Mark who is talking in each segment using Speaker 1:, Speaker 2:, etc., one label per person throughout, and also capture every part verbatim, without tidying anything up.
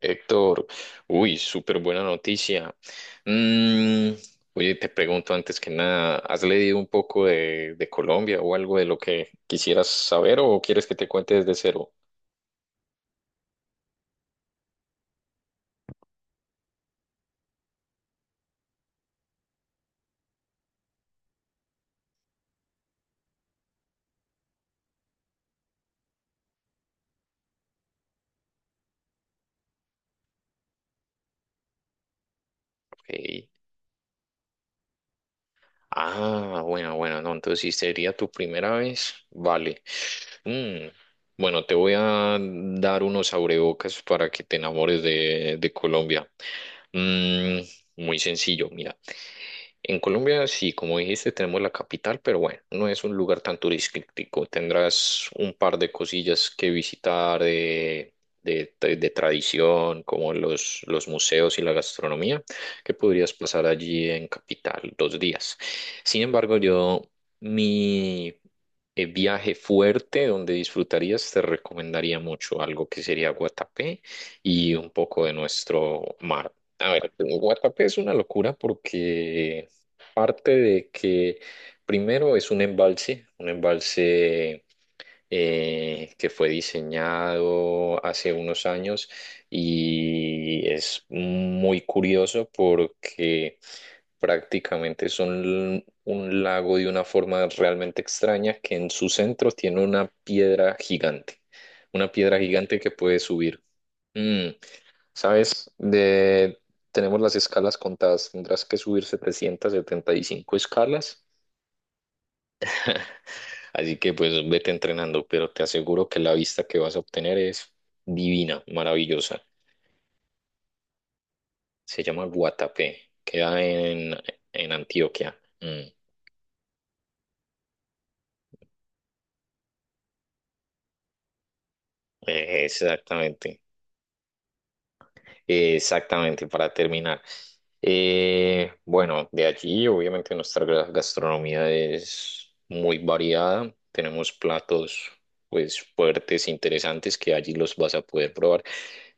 Speaker 1: Héctor, uy, súper buena noticia. Mm, oye, te pregunto antes que nada, ¿has leído un poco de, de Colombia o algo de lo que quisieras saber o quieres que te cuente desde cero? Ok. Ah, bueno, bueno, no, entonces si sería tu primera vez, vale. Mm, Bueno, te voy a dar unos abrebocas para que te enamores de, de Colombia. Mm, muy sencillo, mira. En Colombia, sí, como dijiste, tenemos la capital, pero bueno, no es un lugar tan turístico. Tendrás un par de cosillas que visitar de, de, de tradición, como los, los museos y la gastronomía que podrías pasar allí en Capital dos días. Sin embargo, yo mi eh, viaje fuerte donde disfrutarías, te recomendaría mucho algo que sería Guatapé y un poco de nuestro mar. A ver, Guatapé es una locura porque parte de que primero es un embalse, un embalse eh, que fue diseñado hace unos años y es muy curioso porque prácticamente son un lago de una forma realmente extraña que en su centro tiene una piedra gigante, una piedra gigante que puede subir. Mm, ¿sabes? De, tenemos las escalas contadas, tendrás que subir setecientas setenta y cinco escalas, así que pues vete entrenando, pero te aseguro que la vista que vas a obtener es divina, maravillosa. Se llama Guatapé, queda en, en Antioquia. Mm, eh, exactamente, exactamente, para terminar. Eh, bueno, de allí obviamente nuestra gra- gastronomía es muy variada. Tenemos platos pues fuertes, interesantes, que allí los vas a poder probar.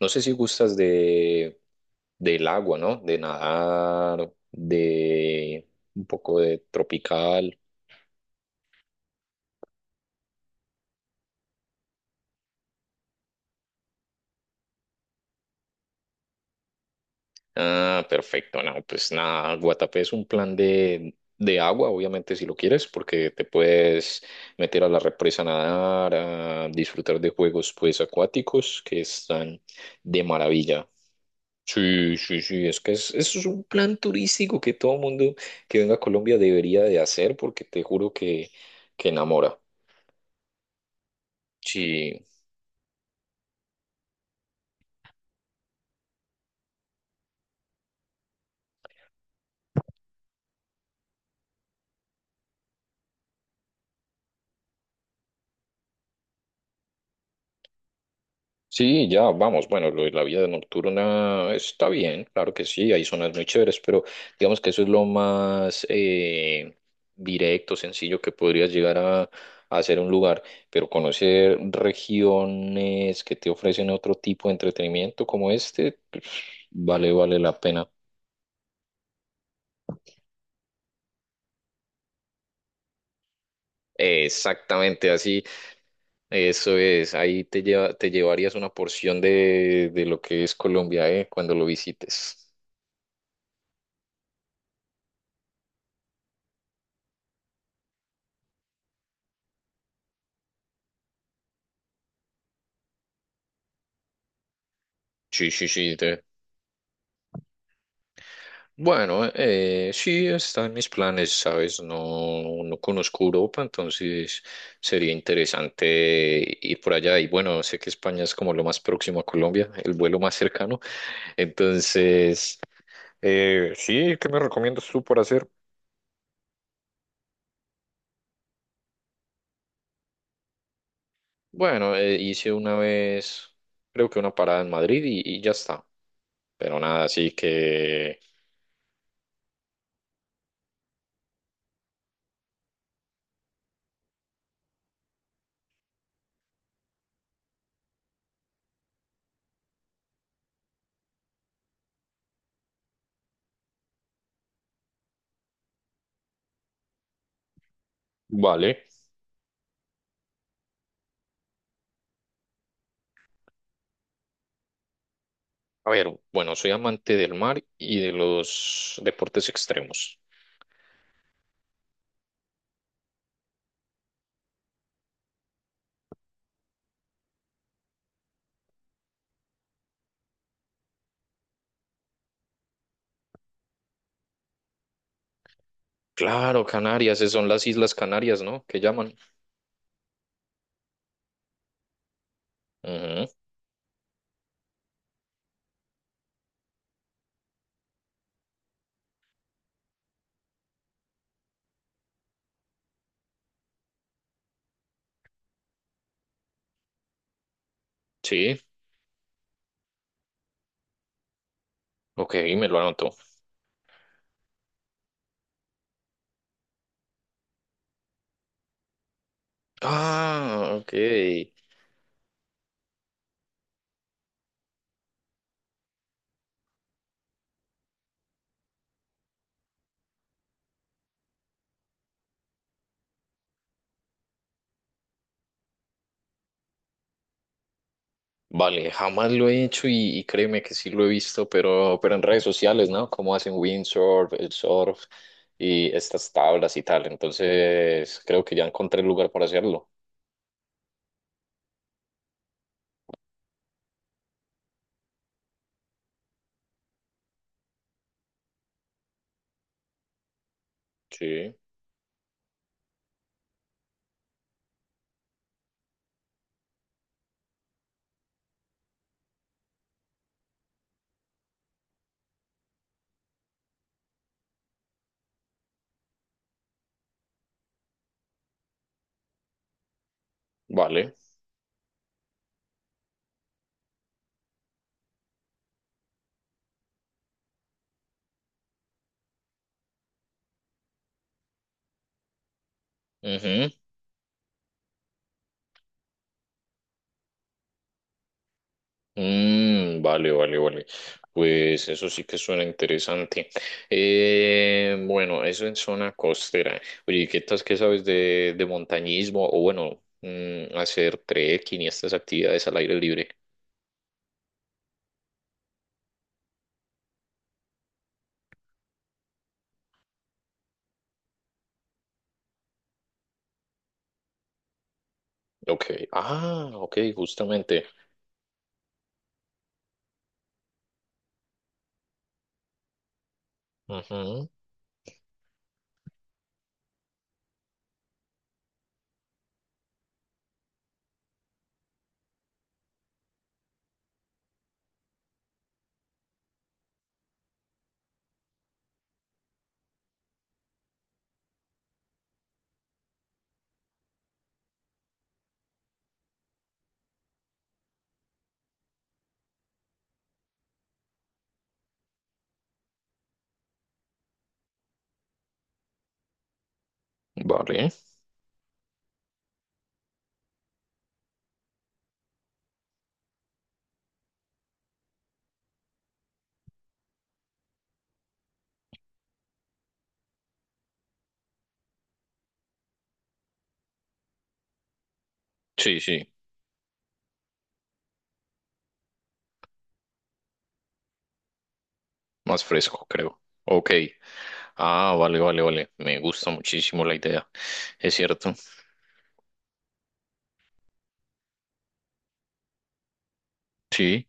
Speaker 1: No sé si gustas de, del agua, ¿no? De nadar, de un poco de tropical. Ah, perfecto. No, pues nada, Guatapé es un plan de, de agua, obviamente, si lo quieres, porque te puedes meter a la represa a nadar, a disfrutar de juegos, pues, acuáticos que están de maravilla. Sí, sí, sí, es que es, eso es un plan turístico que todo mundo que venga a Colombia debería de hacer, porque te juro que, que enamora. Sí. Sí, ya, vamos. Bueno, lo de la vida nocturna está bien, claro que sí, hay zonas muy chéveres, pero digamos que eso es lo más eh, directo, sencillo que podrías llegar a, a hacer un lugar, pero conocer regiones que te ofrecen otro tipo de entretenimiento como este, pues, vale, vale la pena. Exactamente así. Eso es, ahí te lleva, te llevarías una porción de, de lo que es Colombia, eh, cuando lo visites. Sí, sí, sí. Bueno, eh, sí está en mis planes, ¿sabes? No, no conozco Europa, entonces sería interesante ir por allá. Y bueno, sé que España es como lo más próximo a Colombia, el vuelo más cercano. Entonces, eh, sí, ¿qué me recomiendas tú por hacer? Bueno, eh, hice una vez, creo que una parada en Madrid y, y ya está. Pero nada, así que. Vale. A ver, bueno, soy amante del mar y de los deportes extremos. Claro, Canarias, esas son las Islas Canarias, ¿no? Que llaman. Ujú, sí, ok, me lo anoto. Ah, ok. Vale, jamás lo he hecho y, y créeme que sí lo he visto, pero, pero en redes sociales, ¿no? Como hacen windsurf, el surf y estas tablas y tal. Entonces, creo que ya encontré el lugar para hacerlo. Sí, vale. Ujú. Mm, vale, vale, vale. Pues eso sí que suena interesante. Eh, bueno, eso en zona costera. Oye, ¿y qué tal, qué sabes de, de montañismo? O bueno, mm, hacer trekking y estas actividades al aire libre. Ok. Ah, ok, justamente. Ujú. Vale. Sí, sí, más fresco, creo. Ok. Ah, vale, vale, vale. Me gusta muchísimo la idea. Es cierto. Sí,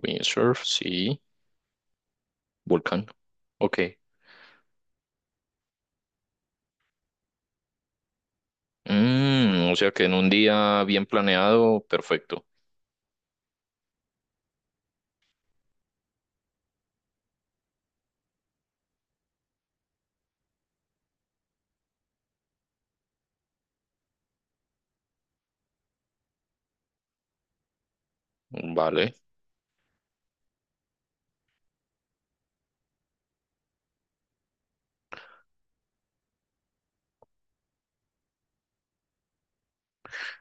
Speaker 1: windsurf, sí, volcán. Ok. Mm, o sea que en un día bien planeado, perfecto. Vale.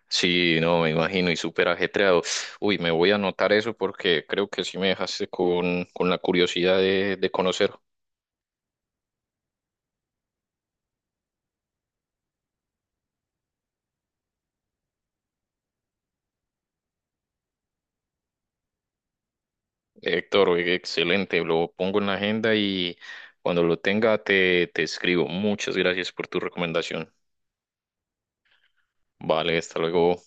Speaker 1: Sí, no, me imagino, y súper ajetreado. Uy, me voy a anotar eso porque creo que sí me dejaste con, con la curiosidad de, de conocer. Héctor, oye, excelente, lo pongo en la agenda y cuando lo tenga te, te escribo. Muchas gracias por tu recomendación. Vale, hasta luego.